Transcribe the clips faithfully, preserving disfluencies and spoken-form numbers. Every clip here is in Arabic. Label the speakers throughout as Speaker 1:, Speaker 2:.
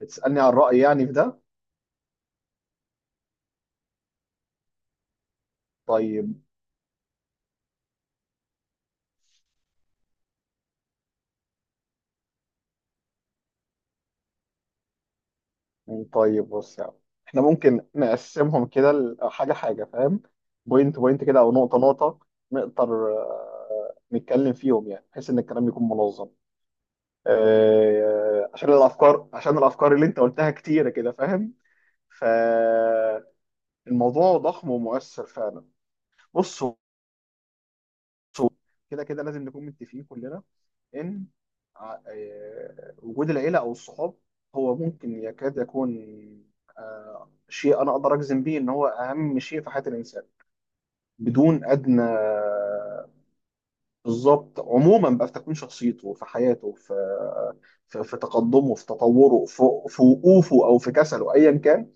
Speaker 1: بتسألني عن رأيي يعني في ده؟ طيب. طيب بص يعني احنا ممكن نقسمهم كده ل- حاجة حاجة، فاهم؟ بوينت بوينت كده أو نقطة نقطة، نقدر آه، نتكلم فيهم يعني بحيث إن الكلام يكون منظم. آه، عشان الأفكار عشان الأفكار اللي أنت قلتها كتيرة كده، فاهم؟ فالموضوع ضخم ومؤثر فعلا. بص، شو- كده كده لازم نكون متفقين كلنا ان ع- آه، وجود العيله او الصحاب هو ممكن يكاد يكون آه، شيء انا اقدر اجزم بيه ان هو اهم شيء في حياه الانسان بدون ادنى. بالظبط، عموما بقى في تكوين شخصيته، في حياته، في آه، في, في تقدمه، في تطوره، في, في وقوفه او في كسله ايا كان.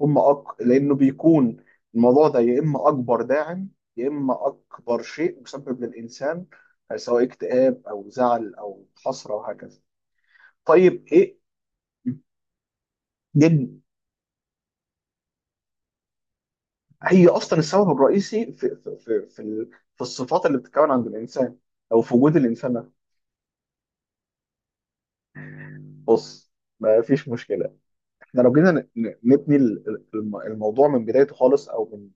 Speaker 1: هم أك... لأنه بيكون الموضوع ده يا إما أكبر داعم، يا إما أكبر شيء مسبب للإنسان سواء اكتئاب أو زعل أو حسرة وهكذا. طيب إيه، جدا، هي أصلا السبب الرئيسي في في في في, ال... في الصفات اللي بتتكون عند الإنسان، أو في وجود الإنسان ده. بص، ما فيش مشكلة. احنا لو جينا ن- ن- نبني ال- ال- الم- الموضوع من بدايته خالص، أو من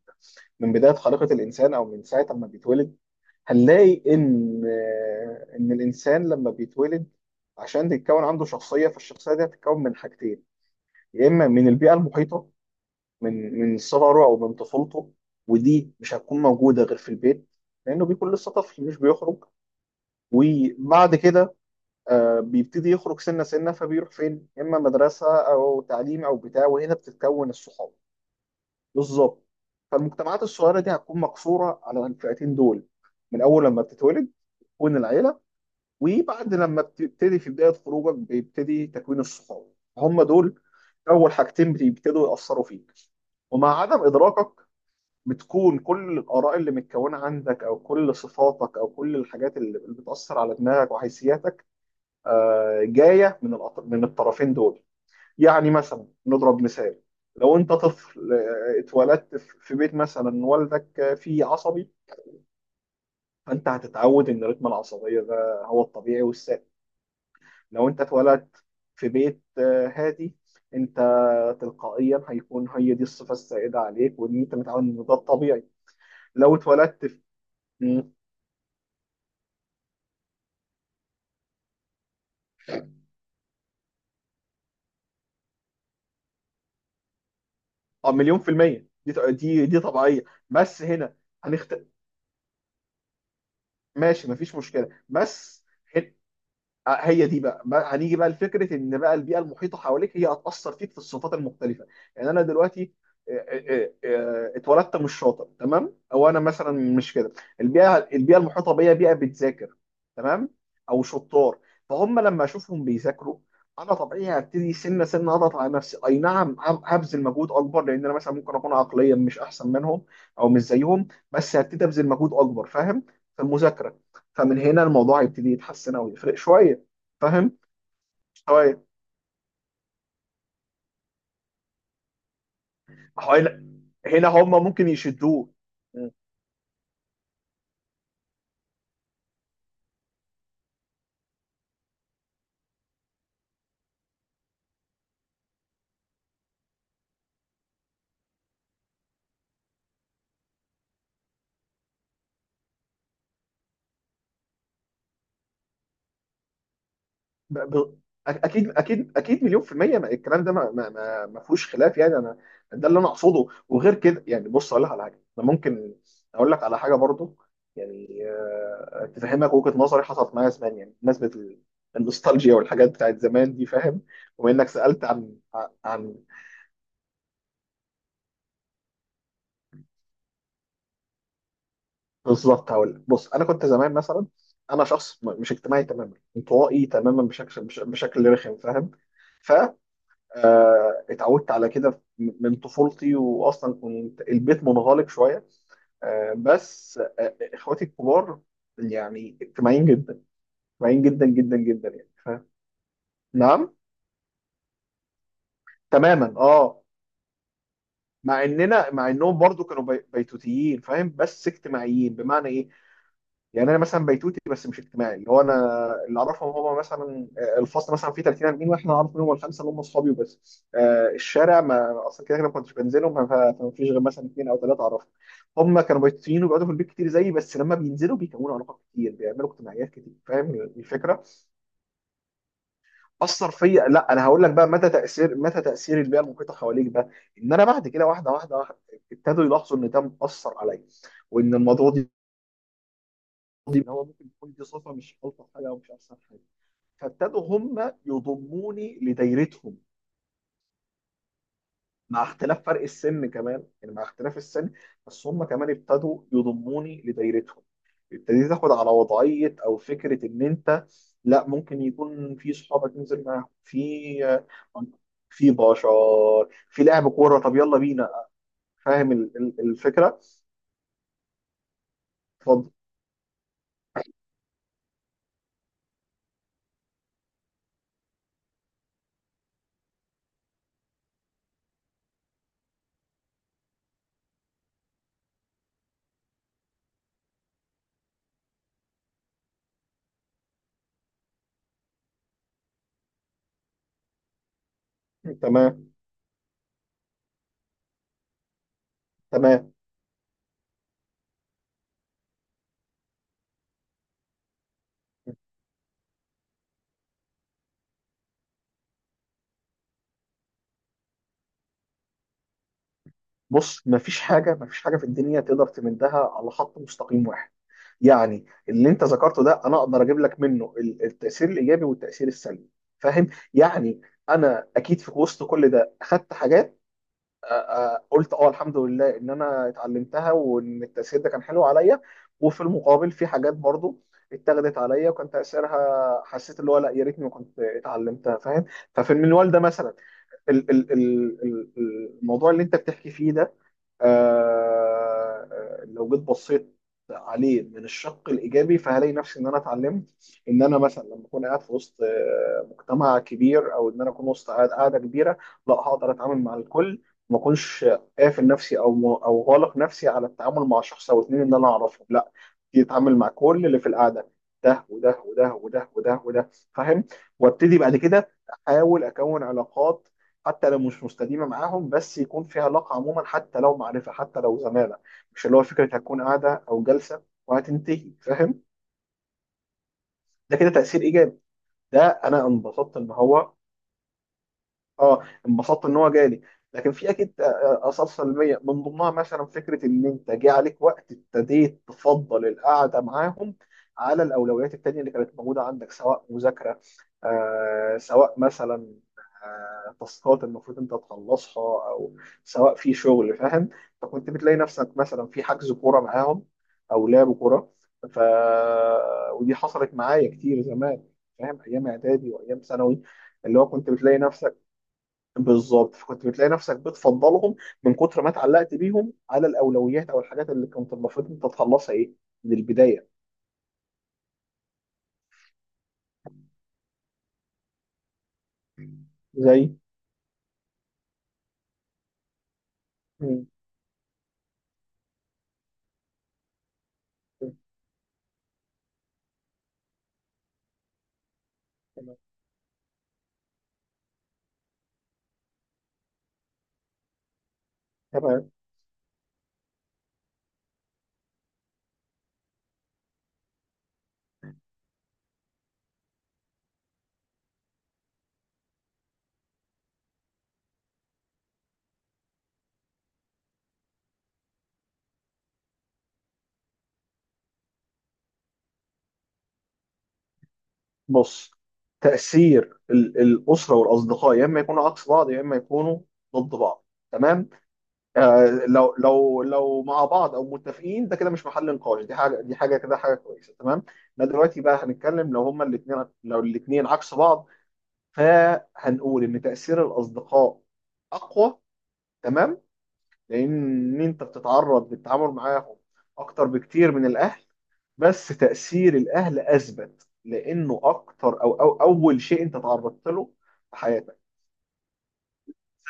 Speaker 1: من بداية خليقة الإنسان، أو من ساعة ما بيتولد هنلاقي إن آه، إن الإنسان لما بيتولد، عشان تتكون عنده شخصية فالشخصية دي هتتكون من حاجتين. يا إما من البيئة المحيطة من من صغره أو من طفولته، ودي مش هتكون موجودة غير في البيت، لأنه بيكون لسه طفل مش بيخرج. وبعد كده، آه، بيبتدي يخرج سنة سنة، فبيروح فين؟ يا إما مدرسة أو تعليم أو بتاع، وهنا بتتكون الصحاب. بالظبط. فالمجتمعات الصغيره دي هتكون مقصوره على الفئتين دول، من اول لما بتتولد تكون العيله، وبعد لما بتبتدي في بدايه خروجك بيبتدي تكوين الصحاب. هم دول اول حاجتين بيبتدوا ياثروا فيك، ومع عدم ادراكك بتكون كل الاراء اللي متكونه عندك، او كل صفاتك، او كل الحاجات اللي اللي بتاثر على دماغك وحيثياتك، آه، جايه من الأط- من الطرفين دول. يعني مثلا نضرب مثال، لو انت طفل آه، اتولدت في في بيت مثلا والدك آه، فيه عصبي، فانت هتتعود ان رتم العصبيه ده هو الطبيعي والسائد. لو انت اتولدت في بيت آه، هادي، انت تلقائيا هيكون هي دي الصفه السائده عليك وان انت متعود ان ده الطبيعي. لو اتولدت في. مم. اه، مليون في الميه، دي دي دي طبيعيه بس هنا هنخت، ماشي مفيش مشكله بس. آه، هي دي بقى بقى هنيجي بقى لفكره ان بقى البيئه المحيطه حواليك هي هتاثر فيك في الصفات المختلفه. يعني انا دلوقتي آه، آه، آه، آه، اتولدت مش شاطر تمام، او انا مثلا مش كده. البيئه البيئه المحيطه بيا بيئه بتذاكر، تمام، او شطار. فهم لما اشوفهم بيذاكروا، انا طبيعي هبتدي سنه سنه اضغط على نفسي، اي نعم هب- هبذل مجهود اكبر، لان انا مثلا ممكن اكون عقليا مش احسن منهم او مش زيهم، بس هبتدي ابذل مجهود اكبر، فاهم؟ في المذاكره، فمن هنا الموضوع هيبتدي يتحسن او يفرق شويه، فاهم؟ شويه. ما هو هنا، هنا هم ممكن يشدوه. مم. ب- ب- اكيد اكيد اكيد، مليون في الميه، ما- الكلام ده ما ما ما ما فيهوش خلاف يعني. انا ده اللي انا اقصده، وغير كده يعني، بص اقول لك على حاجه انا ممكن اقول لك على حاجه برضو. يعني آه، تفهمك وجهه نظري، حصلت معايا زمان يعني بمناسبه ال- النوستالجيا والحاجات بتاعت زمان دي، فاهم؟ وانك سالت عن عن بالظبط. هقول لك. بص انا كنت زمان مثلا، انا شخص م- مش اجتماعي تماما، انطوائي تماما بشكل بش- بشكل رخم، فاهم؟ ف آه، اتعودت على كده م- من طفولتي، واصلا كنت البيت منغلق شويه. آه، بس آه، آه، اخواتي الكبار، يعني اجتماعيين جدا، اجتماعيين جدا جدا جدا يعني، فاهم؟ نعم، تماما، اه. مع اننا مع انهم برضو كانوا بي- بيتوتيين، فاهم؟ بس اجتماعيين بمعنى ايه، يعني انا مثلا بيتوتي بس مش اجتماعي، اللي هو انا اللي اعرفهم هو مثلا، آه، الفصل مثلا فيه تلاتين اربعين، واحنا عارف منهم الخمسه اللي هم اصحابي وبس. آه، الشارع، ما اصلا كده كده ما كنتش بنزلهم، ف- فما فيش غير مثلا اثنين او ثلاثه اعرفهم. هم كانوا بيتوتيين وبيقعدوا في البيت كتير زيي، بس لما بينزلوا بيكونوا علاقات كتير، بيعملوا اجتماعيات كتير، فاهم الفكره؟ اثر فيا؟ لا، انا هقول لك بقى متى تاثير متى تاثير البيئه المحيطه حواليك ده، ان انا بعد كده، واحده واحده واحدة ابتدوا يلاحظوا ان ده مأثر عليا، وان الموضوع دي دي- ان هو ممكن يكون دي صفه مش الطف حاجه او مش احسن حاجه. فابتدوا هم يضموني لدايرتهم، مع اختلاف فرق السن كمان، يعني مع اختلاف السن، بس هم كمان ابتدوا يضموني لدايرتهم. ابتديت تاخد على وضعية او فكرة ان انت لا، ممكن يكون في صحابك ننزل معاهم في، في بشر، في لعب كورة، طب يلا بينا، فاهم ال- ال- الفكرة؟ اتفضل. تمام، تمام. بص، مفيش حاجة، مفيش حاجة في الدنيا تقدر تمدها على خط مستقيم واحد. يعني اللي انت ذكرته ده انا اقدر اجيب لك منه ال- التاثير الايجابي والتاثير السلبي، فاهم؟ يعني انا اكيد في وسط كل ده اخدت حاجات، آه، آه، قلت اه، الحمد لله ان انا اتعلمتها وان التاثير ده كان حلو عليا. وفي المقابل في حاجات برضو اتاخدت عليا وكان تاثيرها، حسيت اللي هو لا، يا ريتني ما كنت اتعلمتها، فاهم؟ ففي المنوال ده مثلا، ال- ال- ال- ال- الموضوع اللي انت بتحكي فيه ده، آه، لو جيت بصيت عليه من الشق الايجابي فهلاقي نفسي ان انا اتعلمت ان انا مثلا لما اكون قاعد في وسط آه، مجتمع كبير، او ان انا اكون وسط قاعد- قاعده كبيره، لا هقدر اتعامل مع الكل، ما اكونش قافل نفسي او م- او غالق نفسي على التعامل مع شخص او اتنين ان انا اعرفهم، لا تتعامل مع كل اللي في القعده، ده وده وده وده وده وده، فاهم؟ وابتدي بعد كده احاول اكون علاقات، حتى لو مش مستديمه معاهم، بس يكون في علاقه عموما، حتى لو معرفه، حتى لو زماله، مش اللي هو فكره هتكون قاعده او جلسه وهتنتهي، فاهم؟ ده كده تاثير ايجابي. ده انا انبسطت ان هو اه انبسطت ان هو جالي. لكن في اكيد آه، آه، اثار سلبيه، من ضمنها مثلا فكره ان انت جه عليك وقت ابتديت تفضل القعده معاهم على الاولويات التانيه اللي كانت موجوده عندك، سواء مذاكره، آه سواء مثلا آه تاسكات المفروض انت تخلصها، او سواء في شغل، فاهم؟ فكنت بتلاقي نفسك مثلا في حجز كوره معاهم او لعب كوره، ف ودي حصلت معايا كتير زمان، فاهم؟ ايام اعدادي وايام ثانوي، اللي هو كنت بتلاقي نفسك، بالظبط، فكنت بتلاقي نفسك بتفضلهم من كتر ما اتعلقت بيهم على الاولويات او الحاجات اللي كنت المفروض انت تخلصها ايه، من البدايه. زي. مم. تمام. تمام. بص، تأثير ال- الأسرة والأصدقاء يا إما يكونوا عكس بعض، يا إما يكونوا ضد بعض، تمام. آه، لو لو لو مع بعض أو متفقين، ده كده مش محل نقاش، دي حاجة دي حاجة كده، حاجة كويسة، تمام. إحنا دلوقتي بقى هنتكلم لو هما الاتنين لو الاتنين عكس بعض، فهنقول ان تأثير الاصدقاء اقوى، تمام، لان انت بتتعرض للتعامل معاهم اكتر بكتير من الاهل. بس تأثير الاهل اثبت لانه اكتر، او, أو اول شيء انت تعرضت له في حياتك.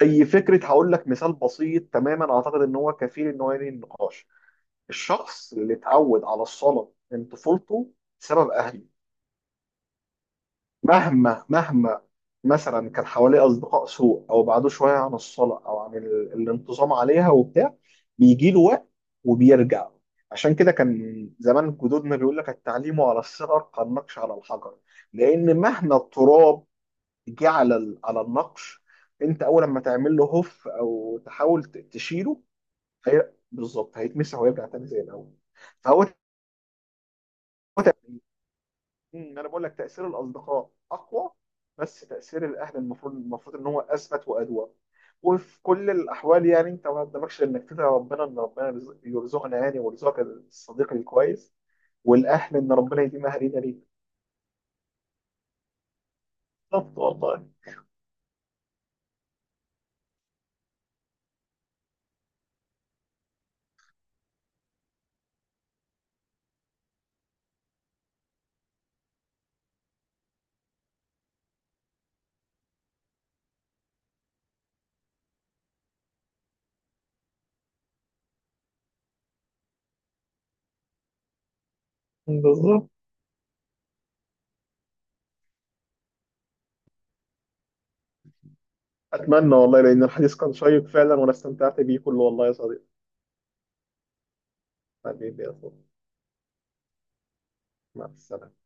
Speaker 1: زي فكره، هقول لك مثال بسيط تماما اعتقد ان هو كفيل ان هو ينهي النقاش. الشخص اللي اتعود على الصلاه من طفولته بسبب اهله، مهما مهما مثلا كان حواليه اصدقاء سوء او بعدوه شويه عن الصلاه، او عن ال- الانتظام عليها وبتاع، بيجي له وقت وبيرجع. عشان كده كان زمان جدودنا بيقول لك، التعليم على الصغر كالنقش على الحجر. لان مهما التراب جه على ال- على النقش، انت اول ما تعمل له هف او تحاول ت- تشيله، هي بالظبط هيتمسح ويرجع تاني زي الاول. فهو. مم، انا بقول لك تاثير الاصدقاء اقوى، بس تاثير الاهل، المفروض المفروض ان هو اثبت وادوى. وفي كل الاحوال يعني، انت ما قدامكش انك تدعي ربنا، ان ربنا يرزق- يرزقنا يعني ويرزقك الصديق الكويس، والاهل ان ربنا يديم اهالينا ليك. بالظبط، والله. بالظبط. اتمنى والله، لان الحديث كان شيق فعلا وانا استمتعت بيه كله، والله يا صديقي. حبيبي يا صديقي، مع السلامه.